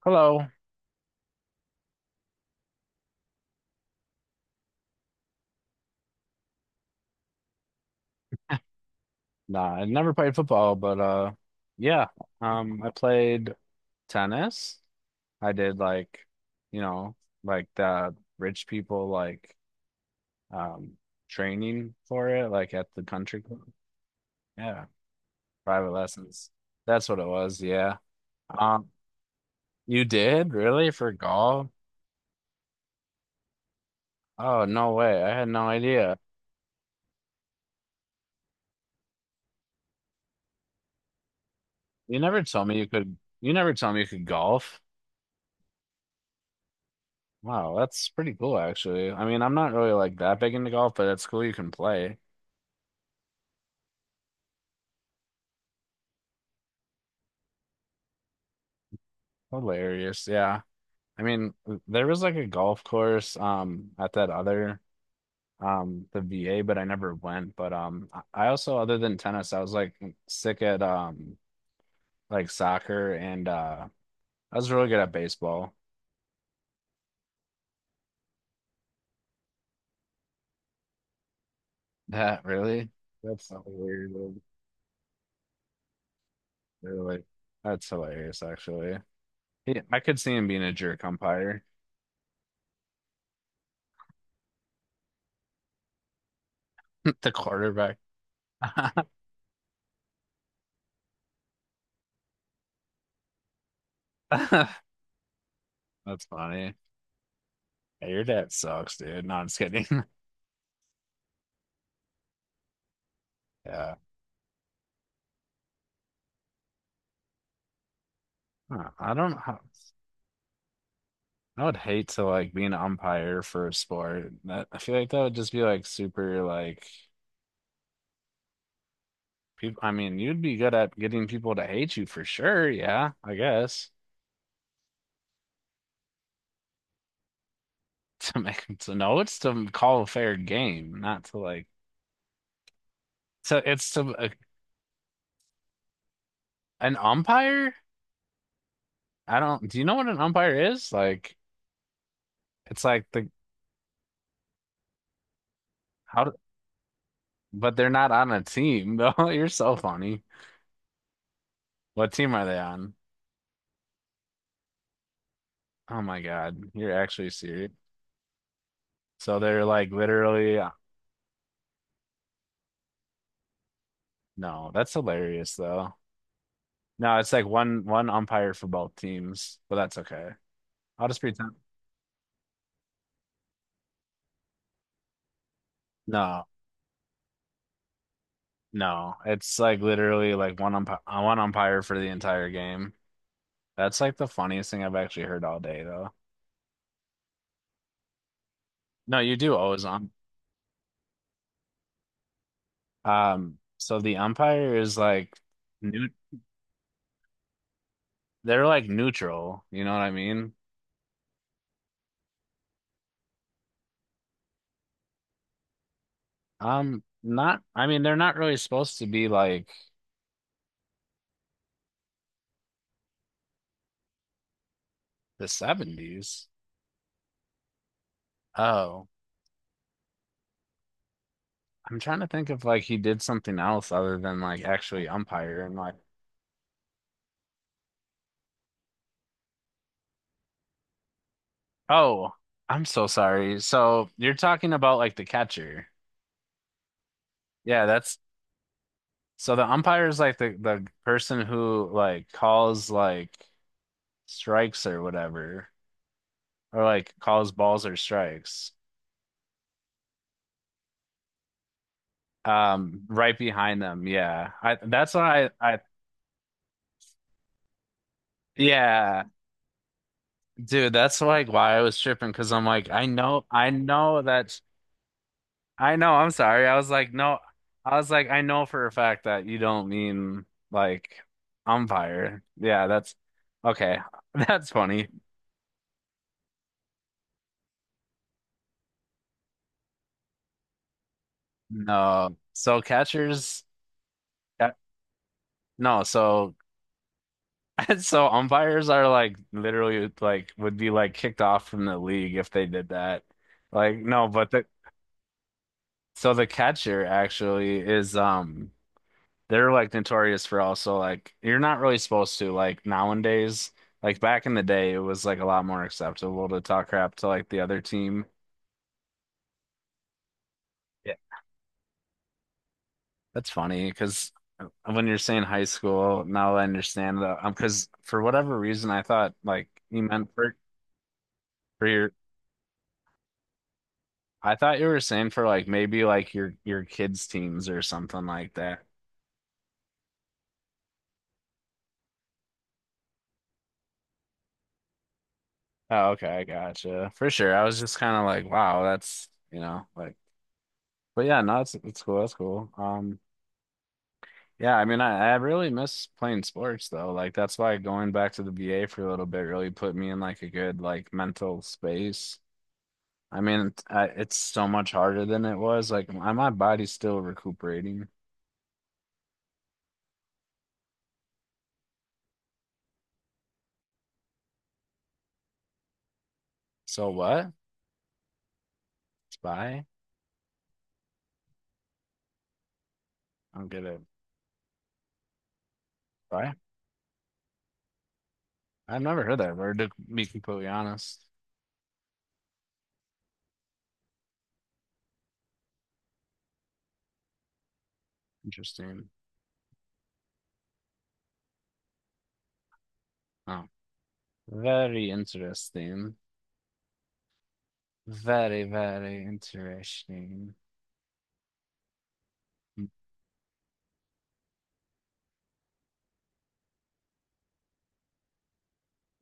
Hello. Nah, I never played football, but yeah. I played tennis. I did like you know, like the rich people like um training for it, like at the country club. Yeah, private lessons. That's what it was, yeah. Um you did really for golf? Oh, no way. I had no idea. You never told me you could golf. Wow, that's pretty cool actually. I mean, I'm not really like that big into golf, but it's cool you can play. Hilarious. Yeah. I mean, there was like a golf course at that other the VA, but I never went. But I also, other than tennis, I was like sick at like soccer and I was really good at baseball. That really? That's so weird. Really. That's hilarious actually. I could see him being a jerk umpire. The quarterback. That's funny. Yeah, your dad sucks, dude. No, I'm just kidding. Yeah. Huh, I don't know. I would hate to like be an umpire for a sport. That, I feel like that would just be like super like people. I mean, you'd be good at getting people to hate you for sure. Yeah, I guess. To know, it's to call a fair game, not to like. So it's to an umpire. I don't. Do you know what an umpire is? Like, it's like the. how. do- But they're not on a team though. You're so funny. What team are they on? Oh my God, you're actually serious. So they're like literally. No, that's hilarious though. No, it's like one umpire for both teams, but that's okay. I'll just pretend. No, no, it's like literally like one umpire for the entire game. That's like the funniest thing I've actually heard all day though. No, you do always. So the umpire is like new. They're like neutral. You know what I mean? Not. I mean, they're not really supposed to be like the 70s. Oh. I'm trying to think if like he did something else other than like actually umpire and like, oh, I'm so sorry. So you're talking about like the catcher. Yeah, that's. So the umpire is like the person who like calls like strikes or whatever, or like calls balls or strikes. Right behind them. Yeah. I That's why I yeah, dude, that's like why I was tripping because I'm like, I know that. I know, I'm sorry. I was like, no, I was like, I know for a fact that you don't mean like umpire. Yeah, that's okay. That's funny. No. So catchers, uh, no, so so umpires are like literally like would be like kicked off from the league if they did that. Like no, but the so the catcher actually is. They're like notorious for also like you're not really supposed to like nowadays. Like back in the day, it was like a lot more acceptable to talk crap to like the other team. Yeah. That's funny because when you're saying high school, now I understand that, because for whatever reason, I thought like you meant for your. I thought you were saying for like maybe like your kids' teams or something like that. Oh, okay, I gotcha. For sure. I was just kind of like, wow, that's, you know, like, but yeah, no, it's cool. That's cool. Yeah, I mean, I really miss playing sports though. Like that's why going back to the VA for a little bit really put me in like a good like mental space. I mean, it's so much harder than it was. Like my body's still recuperating. So what? Spy? I don't get it. Spy? I've never heard that word, to be completely honest. Interesting. Oh, very interesting. Very, very interesting. Hmm,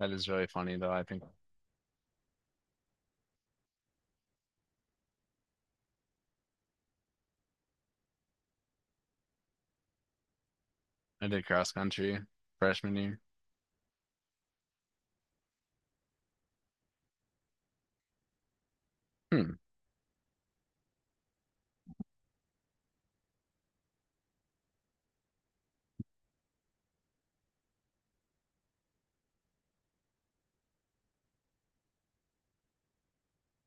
that is really funny though. I think I did cross country freshman year. Hmm.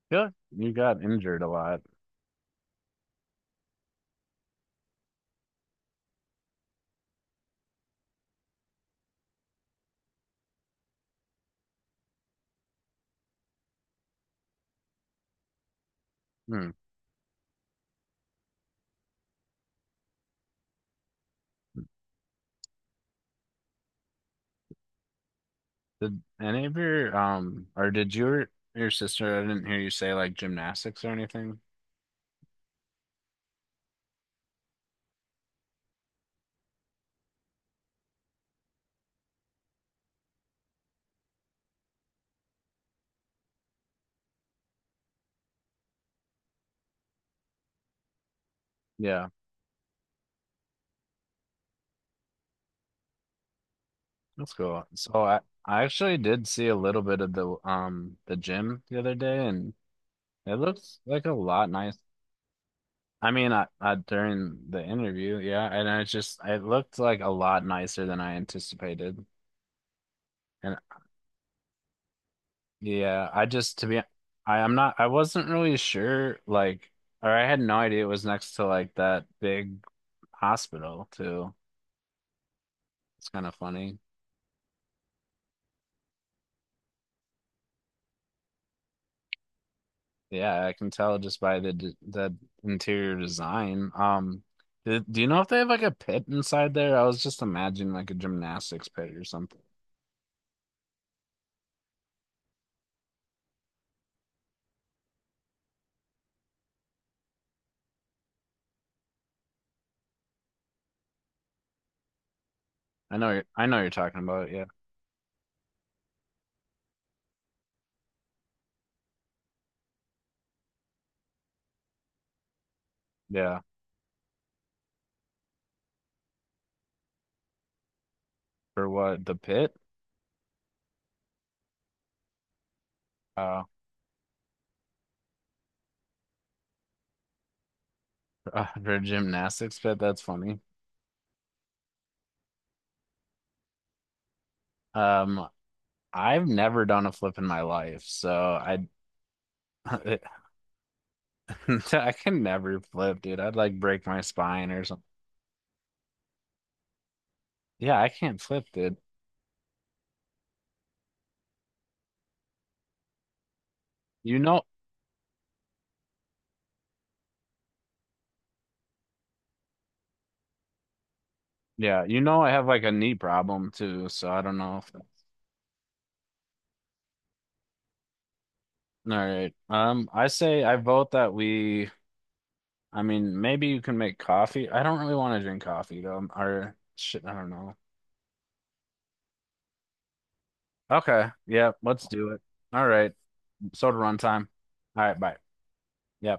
Yeah, you got injured a lot. Hmm. Did any of your or did your sister, I didn't hear you say like gymnastics or anything. Yeah, that's cool. So I actually did see a little bit of the gym the other day, and it looks like a lot nice. I mean, I during the interview, yeah, and I just it looked like a lot nicer than I anticipated. And yeah, I just to be I wasn't really sure like, or I had no idea it was next to like that big hospital too. It's kind of funny. Yeah, I can tell just by the d the interior design. Do you know if they have like a pit inside there? I was just imagining like a gymnastics pit or something. I know you're talking about it. Yeah, yeah. For what? The pit? Uh, for a gymnastics pit. That's funny. Um, I've never done a flip in my life, so I I can never flip, dude. I'd like break my spine or something. Yeah, I can't flip, dude. You know, yeah, you know I have like a knee problem too, so I don't know if that's. All right. I vote that we I mean, maybe you can make coffee. I don't really want to drink coffee though. Or shit, I don't know. Okay. Yeah, let's do it. All right. Soda run time. All right, bye. Yeah.